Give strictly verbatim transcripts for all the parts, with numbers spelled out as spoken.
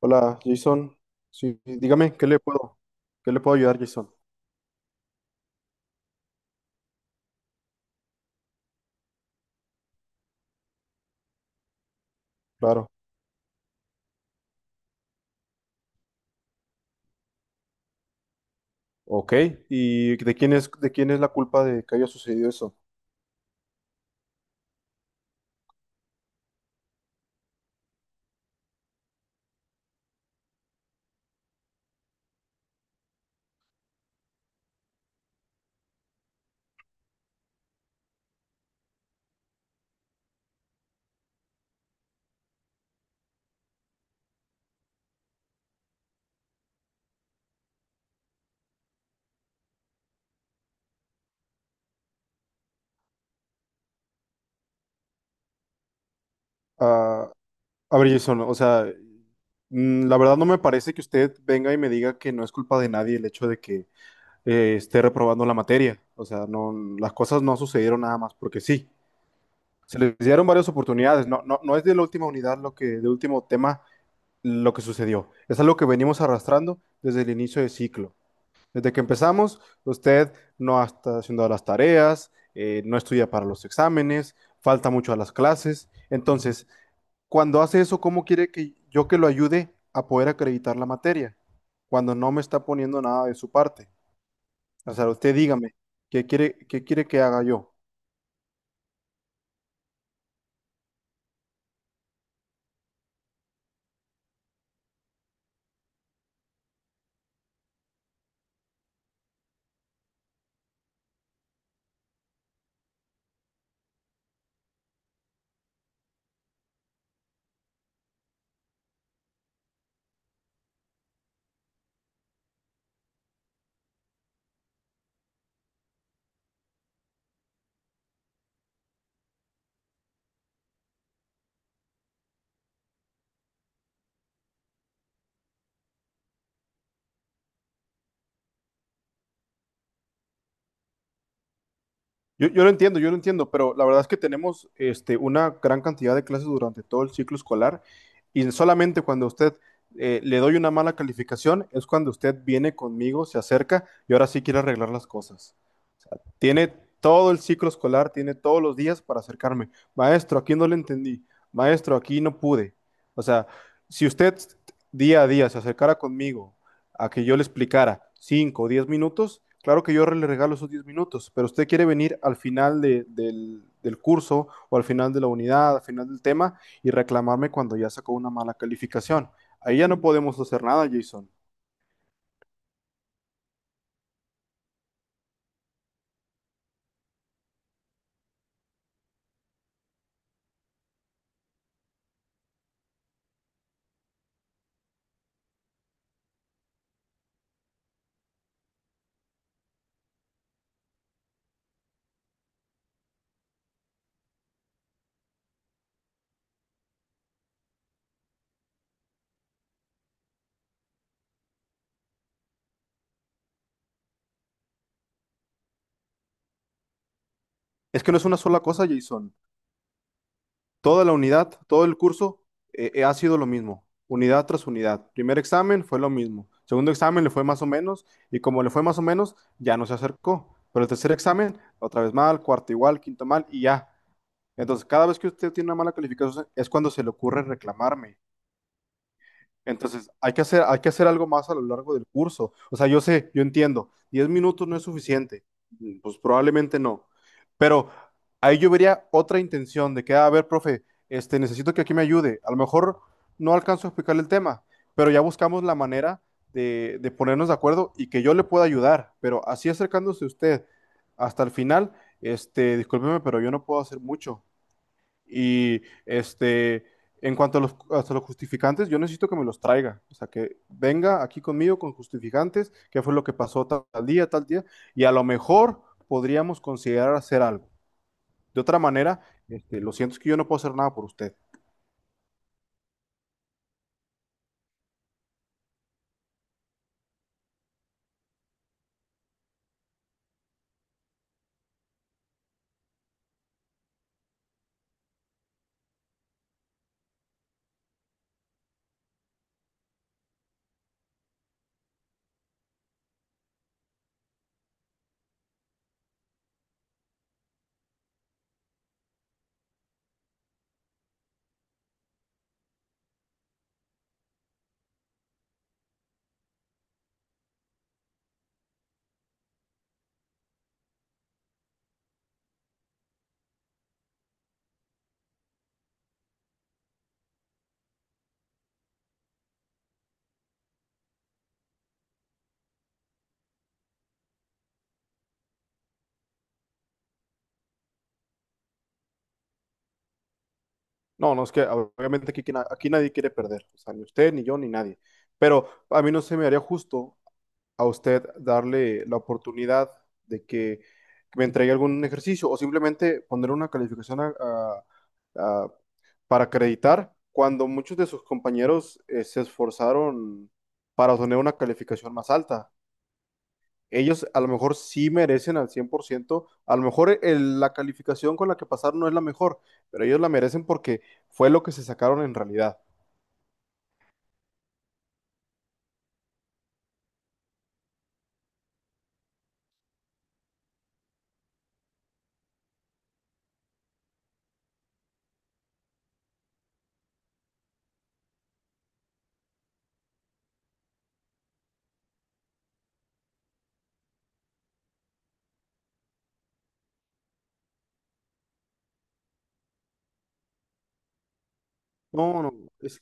Hola, Jason. Sí, dígame, ¿qué le puedo, qué le puedo ayudar, Jason? Claro. Ok. ¿Y de quién es, de quién es la culpa de que haya sucedido eso? Ah, a ver, Jason, o sea, mm, la verdad no me parece que usted venga y me diga que no es culpa de nadie el hecho de que eh, esté reprobando la materia. O sea, no, las cosas no sucedieron nada más porque sí. Se les dieron varias oportunidades. No, no, no es de la última unidad lo que, del último tema lo que sucedió. Es algo que venimos arrastrando desde el inicio del ciclo. Desde que empezamos, usted no está haciendo las tareas, eh, no estudia para los exámenes, falta mucho a las clases. Entonces, cuando hace eso, ¿cómo quiere que yo que lo ayude a poder acreditar la materia? Cuando no me está poniendo nada de su parte. O sea, usted dígame, ¿qué quiere, qué quiere que haga yo? Yo, yo lo entiendo, yo lo entiendo, pero la verdad es que tenemos este, una gran cantidad de clases durante todo el ciclo escolar y solamente cuando usted eh, le doy una mala calificación es cuando usted viene conmigo, se acerca y ahora sí quiere arreglar las cosas. O sea, tiene todo el ciclo escolar, tiene todos los días para acercarme. Maestro, aquí no le entendí. Maestro, aquí no pude. O sea, si usted día a día se acercara conmigo a que yo le explicara cinco o diez minutos, claro que yo le regalo esos diez minutos, pero usted quiere venir al final de- del, del curso o al final de la unidad, al final del tema y reclamarme cuando ya sacó una mala calificación. Ahí ya no podemos hacer nada, Jason. Es que no es una sola cosa, Jason. Toda la unidad, todo el curso eh, eh, ha sido lo mismo, unidad tras unidad. Primer examen fue lo mismo, segundo examen le fue más o menos y como le fue más o menos, ya no se acercó. Pero el tercer examen, otra vez mal, cuarto igual, quinto mal y ya. Entonces, cada vez que usted tiene una mala calificación es cuando se le ocurre reclamarme. Entonces, hay que hacer, hay que hacer algo más a lo largo del curso. O sea, yo sé, yo entiendo, diez minutos no es suficiente. Mm, Pues probablemente no. Pero ahí yo vería otra intención de que, "Ah, a ver, profe, este, necesito que aquí me ayude. A lo mejor no alcanzo a explicarle el tema, pero ya buscamos la manera de, de ponernos de acuerdo y que yo le pueda ayudar. Pero así acercándose usted hasta el final, este, discúlpeme, pero yo no puedo hacer mucho. Y este, en cuanto a los, hasta los justificantes, yo necesito que me los traiga. O sea, que venga aquí conmigo con justificantes, qué fue lo que pasó tal, tal día, tal día, y a lo mejor podríamos considerar hacer algo. De otra manera, este, lo siento, es que yo no puedo hacer nada por usted. No, no, es que obviamente aquí, aquí nadie quiere perder. O sea, ni usted, ni yo, ni nadie. Pero a mí no se me haría justo a usted darle la oportunidad de que me entregue algún ejercicio o simplemente poner una calificación a- a- a- para acreditar cuando muchos de sus compañeros eh, se esforzaron para obtener una calificación más alta. Ellos a lo mejor sí merecen al cien por ciento a lo mejor el- la calificación con la que pasaron no es la mejor, pero ellos la merecen porque fue lo que se sacaron en realidad. No, no, es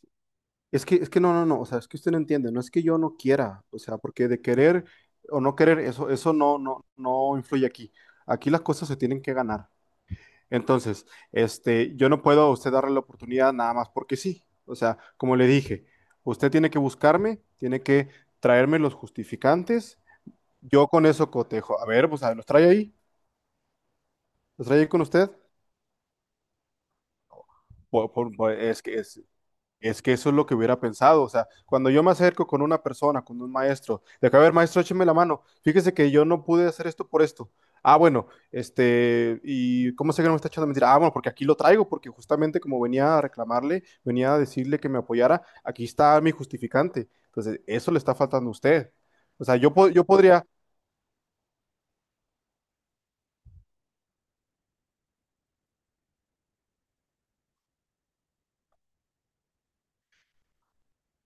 Es que, es que no, no, no, o sea, es que usted no entiende, no es que yo no quiera, o sea, porque de querer o no querer, eso, eso no, no, no influye aquí. Aquí las cosas se tienen que ganar. Entonces, este, yo no puedo a usted darle la oportunidad nada más porque sí. O sea, como le dije, usted tiene que buscarme, tiene que traerme los justificantes, yo con eso cotejo. A ver, pues a ver, los trae ahí, los trae ahí con usted. Por- por- por- es que es, Es que eso es lo que hubiera pensado. O sea, cuando yo me acerco con una persona, con un maestro, de acá, a ver, maestro, écheme la mano. Fíjese que yo no pude hacer esto por esto. Ah, bueno, este, ¿y cómo sé que no me está echando mentira? Ah, bueno, porque aquí lo traigo, porque justamente como venía a reclamarle, venía a decirle que me apoyara, aquí está mi justificante. Entonces, eso le está faltando a usted. O sea, yo, po- yo podría.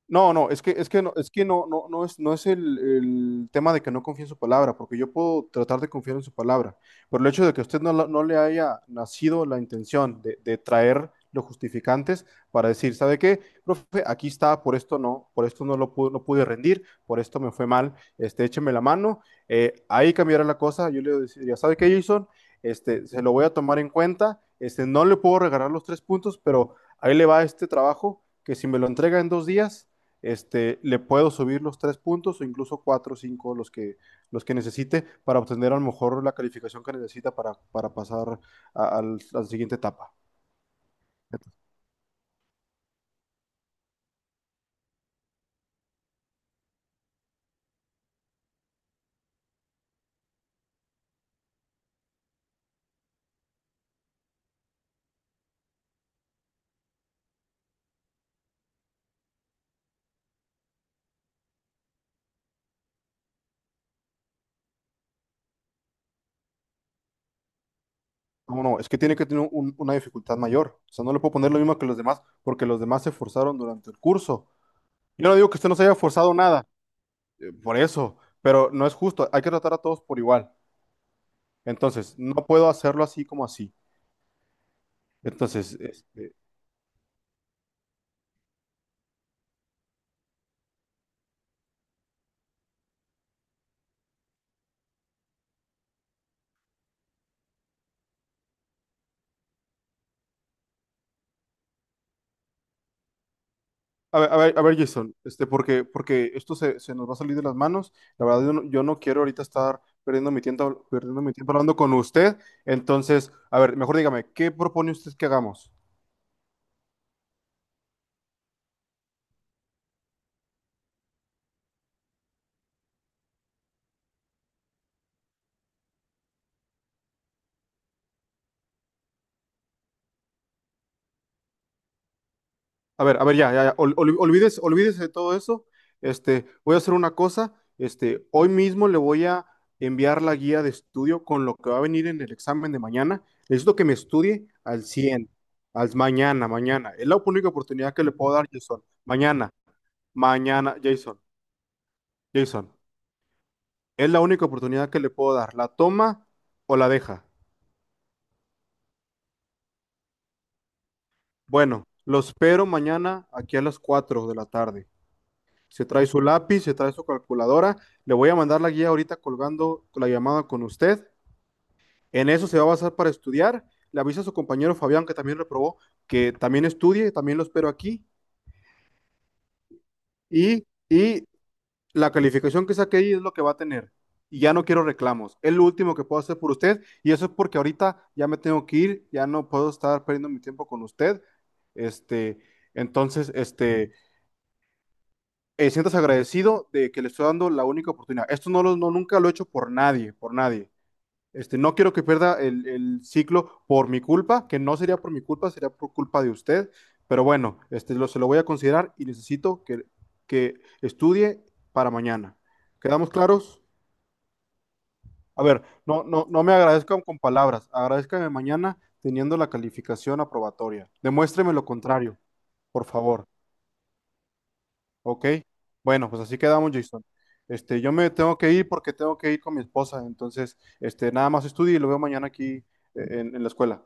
No, no, es que, es que no, es que no, no, no es, no es el, el tema de que no confíe en su palabra, porque yo puedo tratar de confiar en su palabra, pero el hecho de que usted no, la- no le haya nacido la intención de, de traer los justificantes para decir, ¿sabe qué? Profe, aquí está, por esto no, por esto no lo pude, no pude rendir, por esto me fue mal, este, écheme la mano, eh, ahí cambiará la cosa, yo le diría, ¿sabe qué, Jason? Este, se lo voy a tomar en cuenta, este, no le puedo regalar los tres puntos, pero ahí le va este trabajo, que si me lo entrega en dos días este, le puedo subir los tres puntos o incluso cuatro o cinco los que, los que necesite para obtener a lo mejor la calificación que necesita para, para pasar a, a a la siguiente etapa. No, no, es que tiene que tener un- una dificultad mayor. O sea, no le puedo poner lo mismo que los demás porque los demás se esforzaron durante el curso. Yo no digo que usted no se haya forzado nada, eh, por eso, pero no es justo. Hay que tratar a todos por igual. Entonces, no puedo hacerlo así como así. Entonces, este, a ver, a ver, a ver, Jason, este, porque, porque esto se, se nos va a salir de las manos. La verdad, yo no, yo no quiero ahorita estar perdiendo mi tiempo, perdiendo mi tiempo hablando con usted. Entonces, a ver, mejor dígame, ¿qué propone usted que hagamos? A ver, a ver, ya, ya, ya, ol- ol- olvídese, olvídese de todo eso. Este, voy a hacer una cosa. Este, hoy mismo le voy a enviar la guía de estudio con lo que va a venir en el examen de mañana. Necesito que me estudie al cien. Al mañana, mañana. Es la única oportunidad que le puedo dar, Jason. Mañana, mañana, Jason. Jason, es la única oportunidad que le puedo dar. ¿La toma o la deja? Bueno, lo espero mañana aquí a las cuatro de la tarde. Se trae su lápiz, se trae su calculadora. Le voy a mandar la guía ahorita colgando la llamada con usted. En eso se va a basar para estudiar. Le avisa a su compañero Fabián, que también reprobó, que también estudie, también lo espero aquí. Y, y la calificación que saque ahí es lo que va a tener. Y ya no quiero reclamos. Es lo último que puedo hacer por usted. Y eso es porque ahorita ya me tengo que ir, ya no puedo estar perdiendo mi tiempo con usted. Este, entonces, este, eh, sientas agradecido de que le estoy dando la única oportunidad. Esto no lo, no, nunca lo he hecho por nadie, por nadie. Este, no quiero que pierda el, el ciclo por mi culpa, que no sería por mi culpa, sería por culpa de usted. Pero bueno, este, lo, se lo voy a considerar y necesito que, que estudie para mañana. ¿Quedamos claros? A ver, no, no, no me agradezcan con palabras, agradezcanme mañana teniendo la calificación aprobatoria. Demuéstreme lo contrario, por favor. ¿Ok? Bueno, pues así quedamos, Jason. Este, yo me tengo que ir porque tengo que ir con mi esposa, entonces, este, nada más estudie y lo veo mañana aquí eh, en, en la escuela.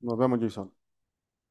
Nos vemos, Jason.